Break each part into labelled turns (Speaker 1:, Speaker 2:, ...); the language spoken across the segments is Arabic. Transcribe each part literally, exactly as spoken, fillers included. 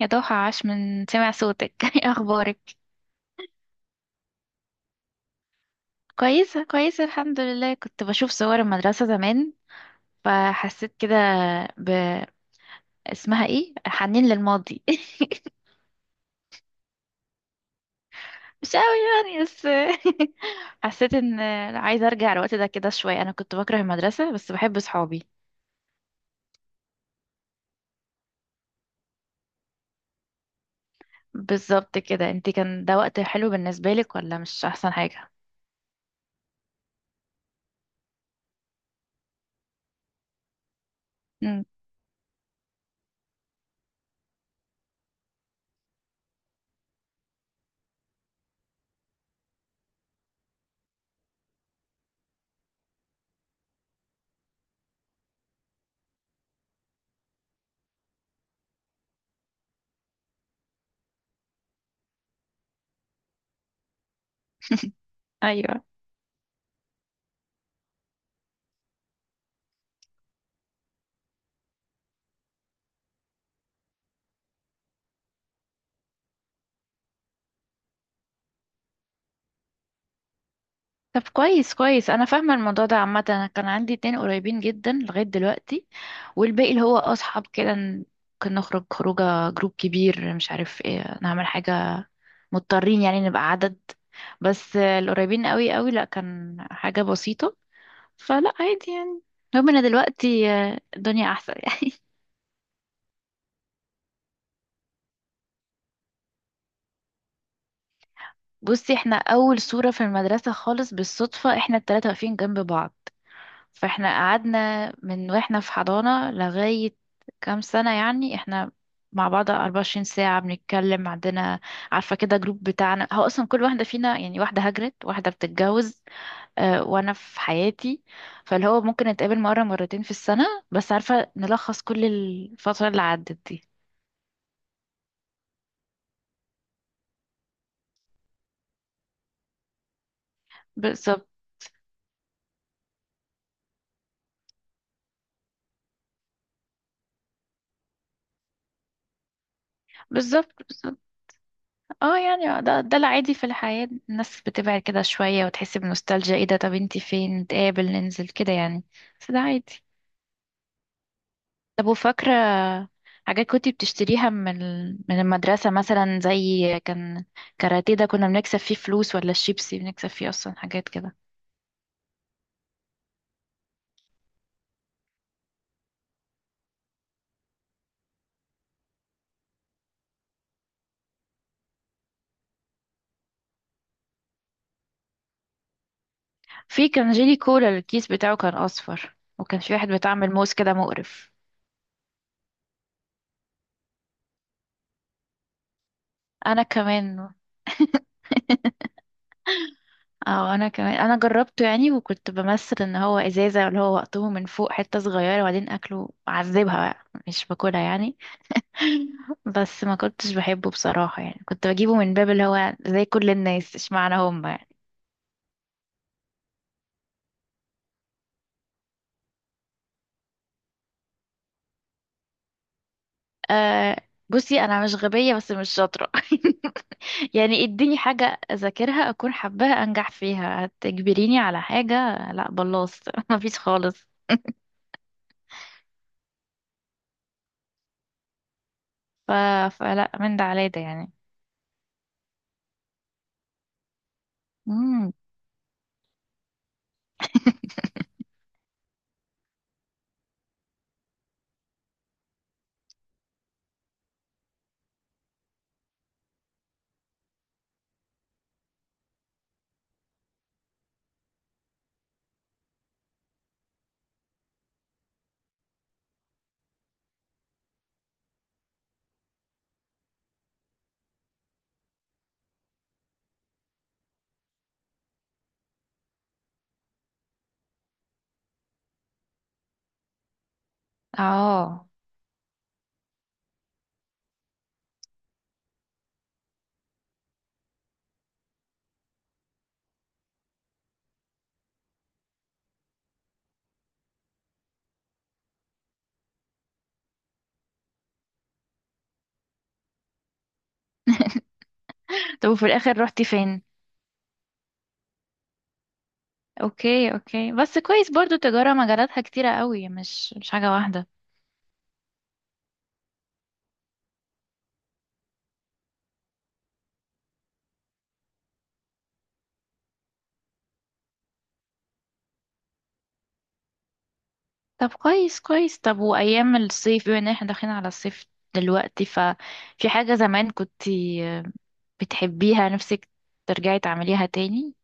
Speaker 1: يا ضحى، عاش من سمع صوتك. ايه اخبارك؟ كويسه كويسه، الحمد لله. كنت بشوف صور المدرسه زمان، فحسيت كده ب اسمها ايه، حنين للماضي. مش قوي يعني، بس حسيت ان عايزه ارجع الوقت ده كده شويه. انا كنت بكره المدرسه بس بحب صحابي. بالظبط كده، انت كان ده وقت حلو بالنسبه لك ولا مش احسن حاجه؟ امم ايوه، طب كويس كويس، انا فاهمه الموضوع ده. عامه انا كان عندي اتنين قريبين جدا لغايه دلوقتي، والباقي اللي هو اصحاب كده. ن- ممكن نخرج خروجه، جروب كبير، مش عارف ايه، نعمل حاجه، مضطرين يعني نبقى عدد. بس آه، القريبين قوي قوي لا، كان حاجه بسيطه، فلا عادي يعني. المهم انا دلوقتي آه، الدنيا احسن يعني. بصي، احنا اول صوره في المدرسه خالص بالصدفه احنا التلاته واقفين جنب بعض، فاحنا قعدنا من واحنا في حضانة لغاية كام سنة، يعني احنا مع بعض أربعة وعشرين ساعة بنتكلم. عندنا عارفة كده جروب بتاعنا، هو أصلا كل واحدة فينا يعني، واحدة هاجرت، واحدة بتتجوز، اه وأنا في حياتي. فاللي هو ممكن نتقابل مرة مرتين في السنة، بس عارفة نلخص كل الفترة اللي عدت دي. بالظبط بالظبط بالظبط. اه يعني ده ده العادي في الحياة، الناس بتبعد كده شوية وتحس بنوستالجيا، ايه ده، طب انتي فين، نتقابل ننزل كده يعني. بس ده عادي. طب وفاكرة حاجات كنت بتشتريها من ال- من المدرسة، مثلا زي كان كاراتيه ده كنا بنكسب فيه فلوس، ولا الشيبسي بنكسب فيه أصلا، حاجات كده. في كان جيلي كولا الكيس بتاعه كان أصفر، وكان في واحد بتعمل موز كده مقرف. أنا كمان. اه أنا كمان، أنا جربته يعني، وكنت بمثل إن هو إزازة، اللي هو وقته من فوق حتة صغيرة وبعدين أكله أعذبها، بقى مش باكلها يعني. بس ما كنتش بحبه بصراحة، يعني كنت بجيبه من باب اللي هو زي كل الناس، اشمعنى هم؟ آه بصي، انا مش غبية بس مش شاطرة. يعني اديني حاجة اذاكرها اكون حباها انجح فيها، هتجبريني على حاجة؟ لا بلاص. مفيش خالص. ف... فلا، من ده على ده يعني. مم. اه طب وفي الاخر روحتي فين؟ اوكي اوكي، بس كويس برضو، التجارة مجالاتها كتيرة قوي، مش مش حاجة واحدة. طب كويس كويس. طب وايام الصيف، بما ان احنا داخلين على الصيف دلوقتي، ففي حاجة زمان كنت بتحبيها نفسك ترجعي تعمليها تاني؟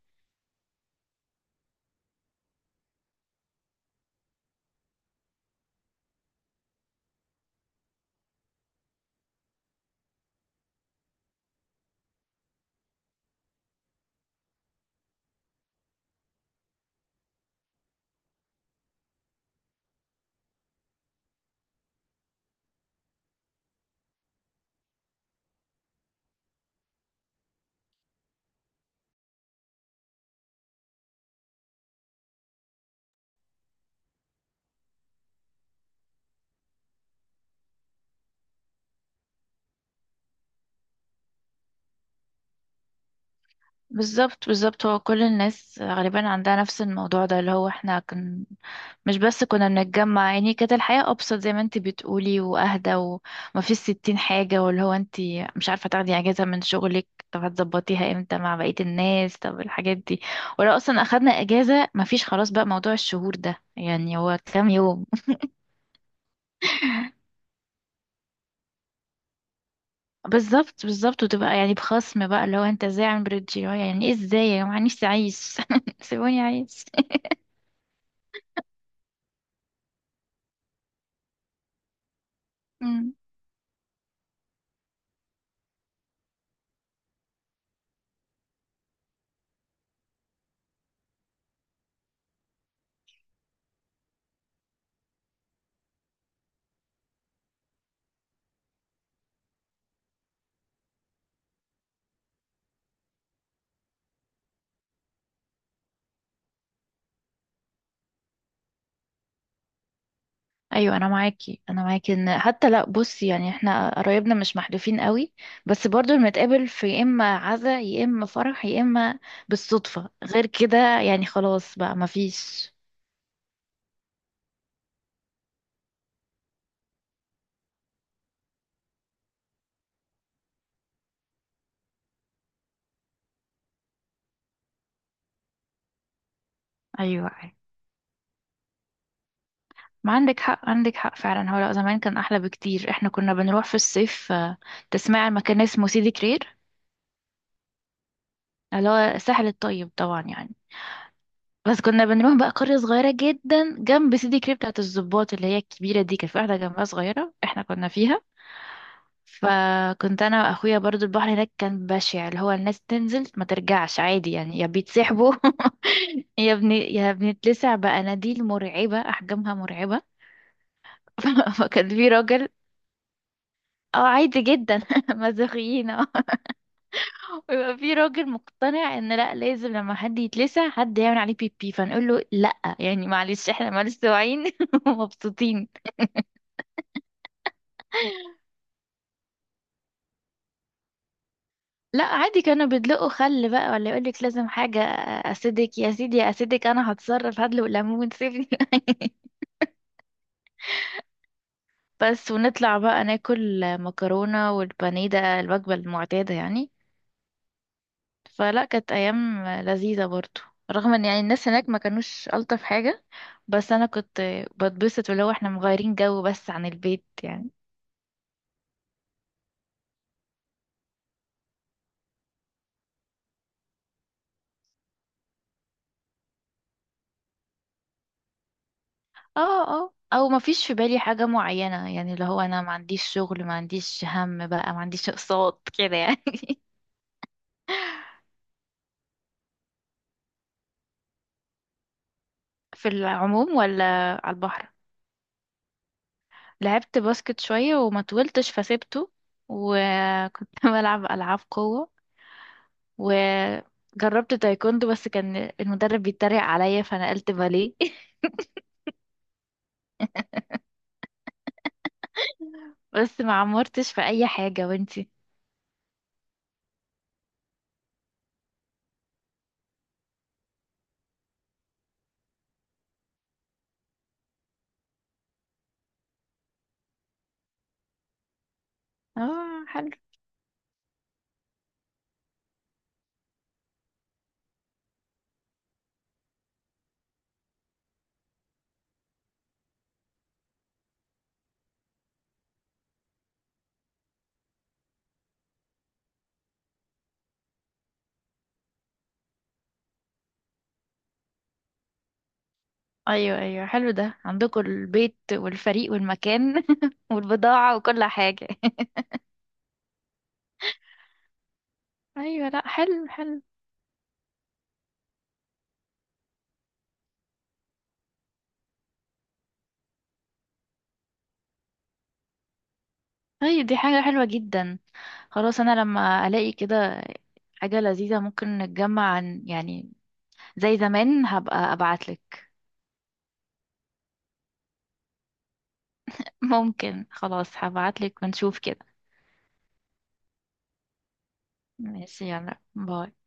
Speaker 1: بالظبط بالظبط. هو كل الناس غالبا عندها نفس الموضوع ده، اللي هو احنا كن مش بس كنا بنتجمع يعني، كانت الحياة أبسط زي ما انت بتقولي وأهدى، وما فيش ستين حاجة، واللي هو انت مش عارفة تاخدي أجازة من شغلك، طب هتظبطيها امتى مع بقية الناس؟ طب الحاجات دي، ولو أصلا أخدنا أجازة ما فيش، خلاص بقى موضوع الشهور ده، يعني هو كام يوم؟ بالظبط بالظبط، وتبقى يعني بخصم بقى، اللي هو انت ازاي عامل بريد جي، يعني ايه ازاي يا جماعه، نفسي عايز سيبوني، عايز. مم. ايوه، انا معاكي انا معاكي ان حتى، لا بصي يعني احنا قرايبنا مش محدودين قوي، بس برضو بنتقابل في يا اما عزا يا اما فرح يا اما بالصدفه، غير كده يعني خلاص بقى مفيش. ايوه أيوة. ما عندك حق، عندك حق فعلا. هو لأ، زمان كان احلى بكتير. احنا كنا بنروح في الصيف، آه، تسمعي عن مكان اسمه سيدي كرير؟ اللي هو الساحل الطيب طبعا يعني. بس كنا بنروح بقى قرية صغيرة جدا جنب سيدي كريب بتاعت الضباط، اللي هي الكبيرة دي كان في واحدة جنبها صغيرة احنا كنا فيها. فكنت انا واخويا برضو، البحر هناك كان بشع، اللي هو الناس تنزل ما ترجعش عادي يعني، يا بيتسحبوا يا بن يا بنتلسع بقناديل مرعبة، احجامها مرعبة. فكان في راجل، اه عادي جدا، مازوخيين. اه ويبقى في راجل مقتنع ان لا، لازم لما حد يتلسع حد يعمل عليه بيبي، فنقول له لا يعني معلش، احنا مالناش واعيين ومبسوطين. لا عادي، كانوا بيدلقوا خل بقى ولا يقولك لازم حاجة. أسيدك يا سيدي يا أسيدك، أنا هتصرف، هدلق ليمون، سيبني. بس ونطلع بقى ناكل مكرونة والبانيه، ده الوجبة المعتادة يعني. فلا، كانت أيام لذيذة برضو، رغم ان يعني الناس هناك ما كانوش ألطف حاجة، بس أنا كنت بتبسط ولو احنا مغيرين جو بس عن البيت يعني. اه اه او ما فيش في بالي حاجة معينة يعني، اللي هو انا ما عنديش شغل، ما عنديش هم بقى، ما عنديش اقساط كده يعني. في العموم ولا على البحر. لعبت باسكت شوية وما طولتش فسيبته، وكنت بلعب ألعاب قوة، وجربت تايكوندو بس كان المدرب بيتريق عليا فنقلت باليه. بس ما عمرتش في أي حاجة. وانتي؟ اه حلو. ايوه ايوه حلو، ده عندكم البيت والفريق والمكان والبضاعة وكل حاجة. ايوه لا، حلو حلو. طيب دي حاجة حلوة جدا، خلاص انا لما الاقي كده حاجة لذيذة ممكن نتجمع، عن يعني زي زمان هبقى ابعتلك. ممكن، خلاص هبعتلك ونشوف كده. ماشي يلا، باي.